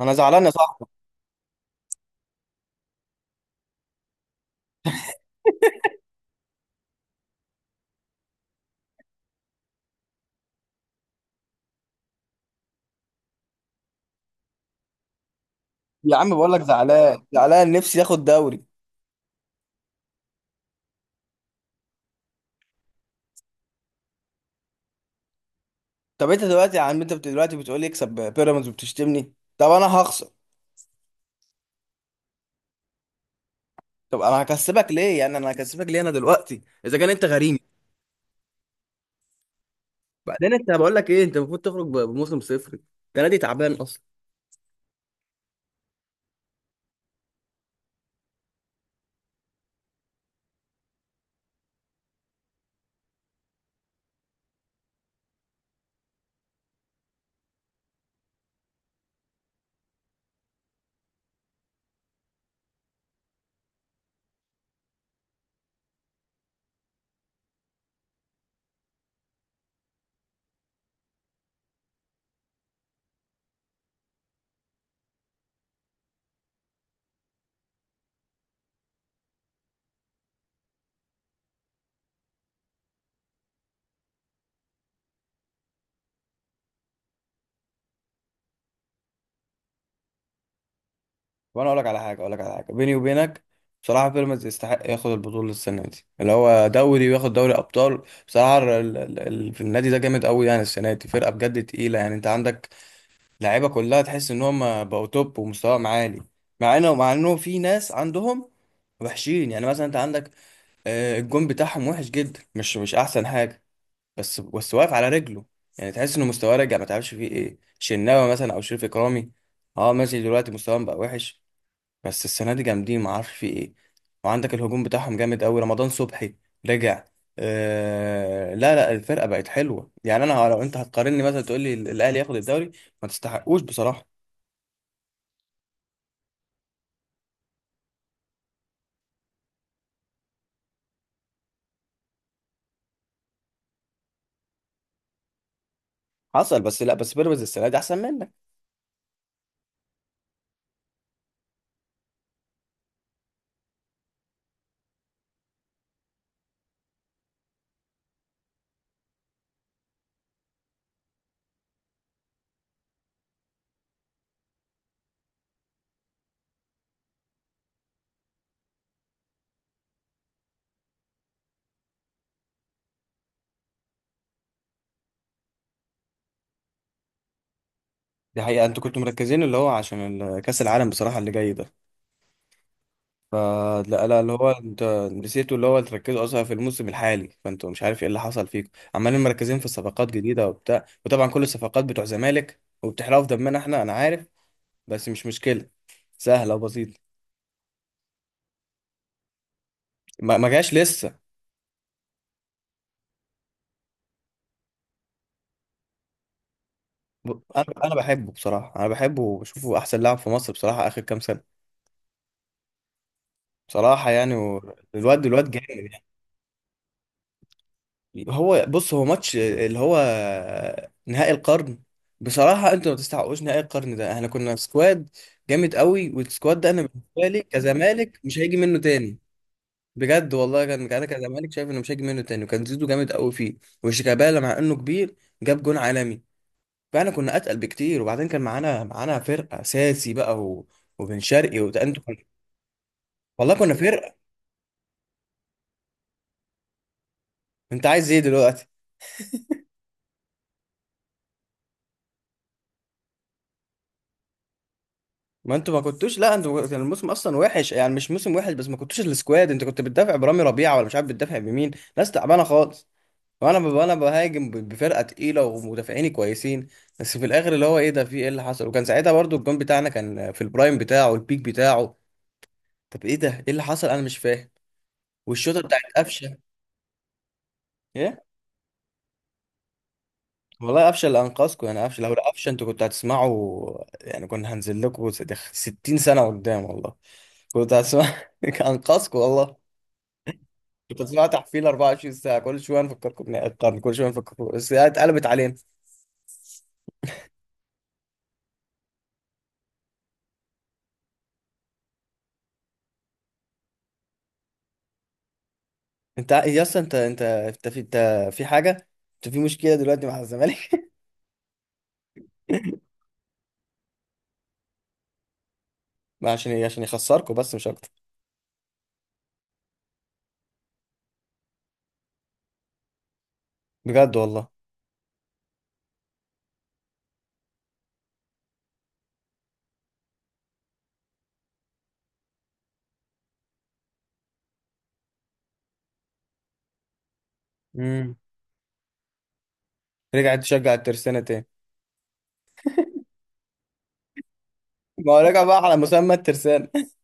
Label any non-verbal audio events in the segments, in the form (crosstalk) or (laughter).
انا زعلان يا صاحبي. يا عم بقول لك زعلان زعلان، نفسي ياخد دوري. طب انت دلوقتي يا عم، دلوقتي بتقول لي اكسب بيراميدز وبتشتمني. طب انا هخسر. طب انا هكسبك ليه؟ يعني انا هكسبك ليه؟ انا دلوقتي اذا كان انت غريم. بعدين انت بقول لك ايه، انت المفروض تخرج بموسم صفر. ده نادي تعبان اصلا. وانا اقول لك على حاجه، اقول لك على حاجه بيني وبينك. بصراحه بيراميدز يستحق ياخد البطوله السنه دي، اللي هو دوري وياخد دوري ابطال. بصراحه في النادي ده جامد قوي، يعني السنه دي فرقه بجد تقيله. يعني انت عندك اللعيبه كلها، تحس ان هم بقوا توب ومستواهم عالي. مع انه في ناس عندهم وحشين، يعني مثلا انت عندك الجون بتاعهم وحش جدا، مش احسن حاجه. بس واقف على رجله، يعني تحس انه مستواه رجع. ما تعرفش فيه ايه؟ شناوي مثلا او شريف اكرامي. اه ماشي، دلوقتي مستواهم بقى وحش، بس السنه دي جامدين، ما اعرفش فيه ايه. وعندك الهجوم بتاعهم جامد قوي، رمضان صبحي رجع. آه لا لا، الفرقه بقت حلوه. يعني انا لو انت هتقارني مثلا، تقول لي الاهلي ياخد الدوري، ما تستحقوش بصراحه. حصل، بس لا، بس بيراميدز السنه دي احسن منك. دي حقيقه، انتوا كنتوا مركزين اللي هو عشان كاس العالم بصراحه اللي جاي ده. فلا لا لا، اللي هو انت نسيتوا، اللي هو تركزوا اصلا في الموسم الحالي. فانتوا مش عارف ايه اللي حصل فيكم، عمالين مركزين في صفقات جديده وبتاع، وطبعا كل الصفقات بتوع زمالك، وبتحرقوا في دمنا احنا، انا عارف. بس مش مشكله، سهله وبسيطه. ما جاش لسه. انا بحبه بصراحه، انا بحبه وبشوفه احسن لاعب في مصر بصراحه اخر كام سنه. بصراحه يعني الواد جامد يعني. هو بص، هو ماتش اللي هو نهائي القرن. بصراحة انتوا ما تستحقوش نهائي القرن ده، احنا كنا سكواد جامد قوي، والسكواد ده انا بالنسبة لي كزمالك مش هيجي منه تاني. بجد والله، كان انا كزمالك شايف انه مش هيجي منه تاني، وكان زيزو جامد قوي فيه، وشيكابالا مع انه كبير جاب جون عالمي. فاحنا كنا اتقل بكتير، وبعدين كان معانا فرقة اساسي بقى، وبن شرقي، والله كنا فرقة. انت عايز ايه دلوقتي؟ ما انتوا ما كنتوش، لا انتوا كان الموسم اصلا وحش، يعني مش موسم وحش بس، ما كنتوش السكواد. انت كنت بتدافع برامي ربيعه ولا مش عارف بتدافع بمين، ناس تعبانه خالص. وانا انا بهاجم بفرقه تقيله، ومدافعيني كويسين. بس في الاخر اللي هو ايه ده، في ايه اللي حصل؟ وكان ساعتها برضو الجون بتاعنا كان في البرايم بتاعه، البيك بتاعه. طب ايه ده، ايه اللي حصل؟ انا مش فاهم. والشوطه بتاعت قفشه. ايه؟ والله قفشه اللي انقذكم، يعني قفشه، لو قفشه انتوا كنتوا هتسمعوا، يعني كنا هنزل لكم 60 سنه قدام والله، كنت هتسمع. (laughs) انقذكم والله. كنت اسمعها تحفيل 24 ساعه، كل شويه نفكركم القرن، كل شويه نفكركم الساعه اتقلبت علينا. انت يا اسطى، انت في انت، في حاجه، انت في مشكله دلوقتي مع الزمالك. (laughs) ما عشان يخسركم، بس مش اكتر. بجد والله. امم. رجعت تشجع الترسانه تاني. ما هو رجع بقى على مسمى الترسانه. (laughs)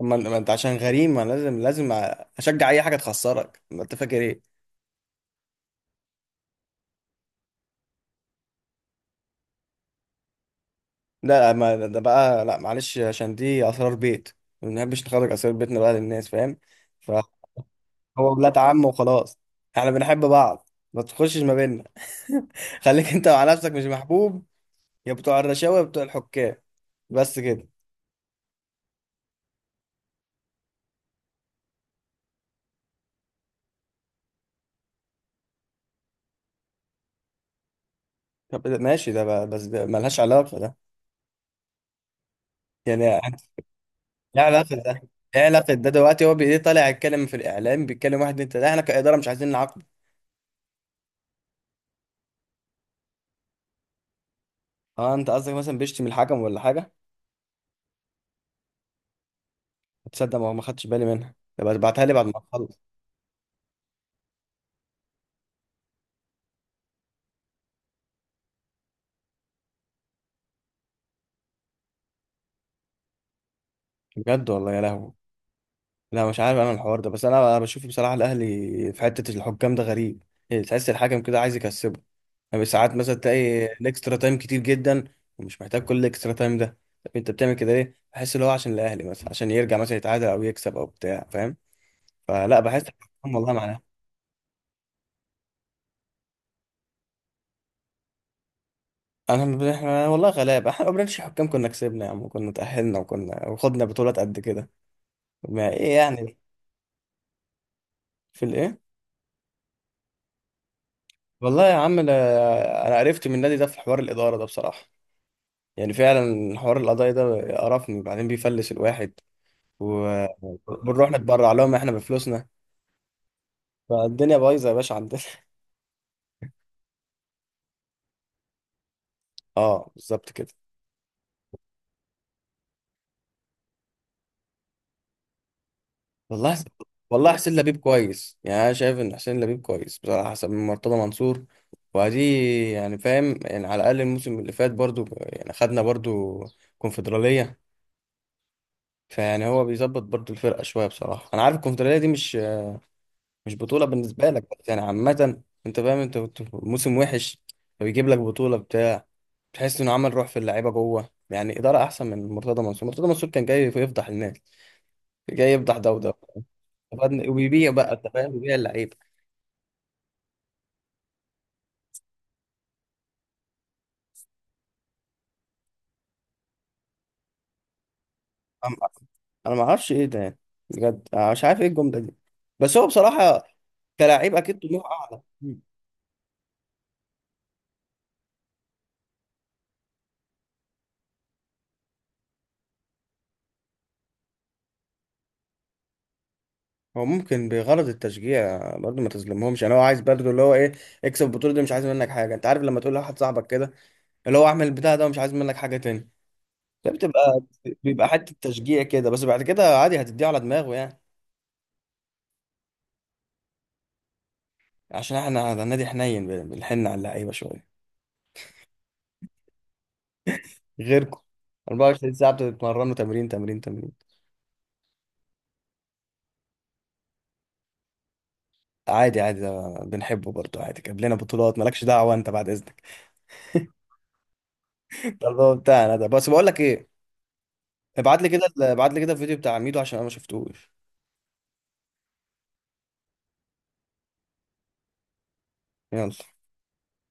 طب ما انت عشان غريم، ما لازم لازم اشجع اي حاجه تخسرك. ما انت فاكر ايه. لا، ما ده بقى، لا معلش، عشان دي اسرار بيت، ما بنحبش نخرج اسرار بيتنا بقى للناس فاهم. هو ولاد عم وخلاص، احنا بنحب بعض، ما تخشش ما بيننا. (laughs) خليك انت مع نفسك، مش محبوب، يا بتوع الرشاوي، يا بتوع الحكام. بس كده. بس ده ملهاش علاقة ده، يعني. لا علاقة ده، ايه علاقة ده دلوقتي؟ هو طالع يتكلم في الإعلام، بيتكلم واحد، انت ده احنا كإدارة مش عايزين نعاقبه. اه، انت قصدك مثلا بيشتم الحكم ولا حاجة؟ تصدق ما خدتش بالي منها، يبقى ابعتها لي بعد ما اخلص. بجد والله، يا لهوي. لا مش عارف انا الحوار ده، بس انا بشوف بصراحه الاهلي في حته الحكام ده غريب، يعني تحس الحكم كده عايز يكسبه. يعني ساعات مثلا تلاقي الاكسترا تايم كتير جدا، ومش محتاج كل الاكسترا تايم ده. طب انت بتعمل كده ليه؟ بحس اللي هو عشان الاهلي، مثلا عشان يرجع مثلا يتعادل او يكسب او بتاع، فاهم؟ فلا، بحس الحكام والله معانا. احنا والله غلابه، احنا ما بنعملش حكام. كنا كسبنا يا عم وكنا تاهلنا وكنا وخدنا بطولات قد كده، ما ايه يعني؟ في الايه؟ والله يا عم انا، أنا عرفت من النادي ده في حوار الاداره ده بصراحه. يعني فعلا حوار القضايا ده قرفني، بعدين بيفلس الواحد و- وبنروح نتبرع لهم احنا بفلوسنا. فالدنيا بايظه يا باشا عندنا. (laughs) اه بالظبط كده. والله حس... والله حسين لبيب كويس، يعني انا شايف ان حسين لبيب كويس بصراحه حسب من مرتضى منصور. وادي، يعني فاهم، يعني على الاقل الموسم اللي فات برضو يعني خدنا برضو كونفدراليه. فيعني هو بيظبط برضو الفرقه شويه. بصراحه انا عارف الكونفدراليه دي مش بطولة بالنسبة لك، بس يعني عامة انت فاهم، انت كنت في موسم وحش فبيجيب لك بطولة بتاع. تحس انه عمل روح في اللعيبة جوه، يعني إدارة أحسن من مرتضى منصور. مرتضى منصور كان جاي يفضح الناس، جاي يفضح ده وده، وبيبيع بقى انت فاهم، بيبيع اللعيبة. أم- انا ما اعرفش ايه ده يعني، بجد انا مش عارف ايه الجملة دي. بس هو بصراحة كلاعب اكيد طموحه اعلى. هو ممكن بغرض التشجيع برضه، ما تظلمهمش، يعني هو عايز برضه اللي هو ايه، اكسب البطولة دي، مش عايز منك حاجة. انت عارف لما تقول لواحد صاحبك كده، اللي هو اعمل البتاع ده ومش عايز منك حاجه تاني، ده بيبقى حته تشجيع كده، بس بعد كده عادي هتديه على دماغه يعني. عشان احنا ده نادي حنين، بنحن على اللعيبه شويه، غيركم. 24 ساعه بتتمرنوا تمرين تمرين تمرين. عادي عادي، ده بنحبه برضه، عادي جاب لنا بطولات. مالكش دعوه انت بعد اذنك. (laughs) ده الموضوع بتاعنا ده، بس بقول لك ايه؟ ابعت لي كده ابعت لي كده الفيديو بتاع ميدو عشان انا ما شفتوش. يلا.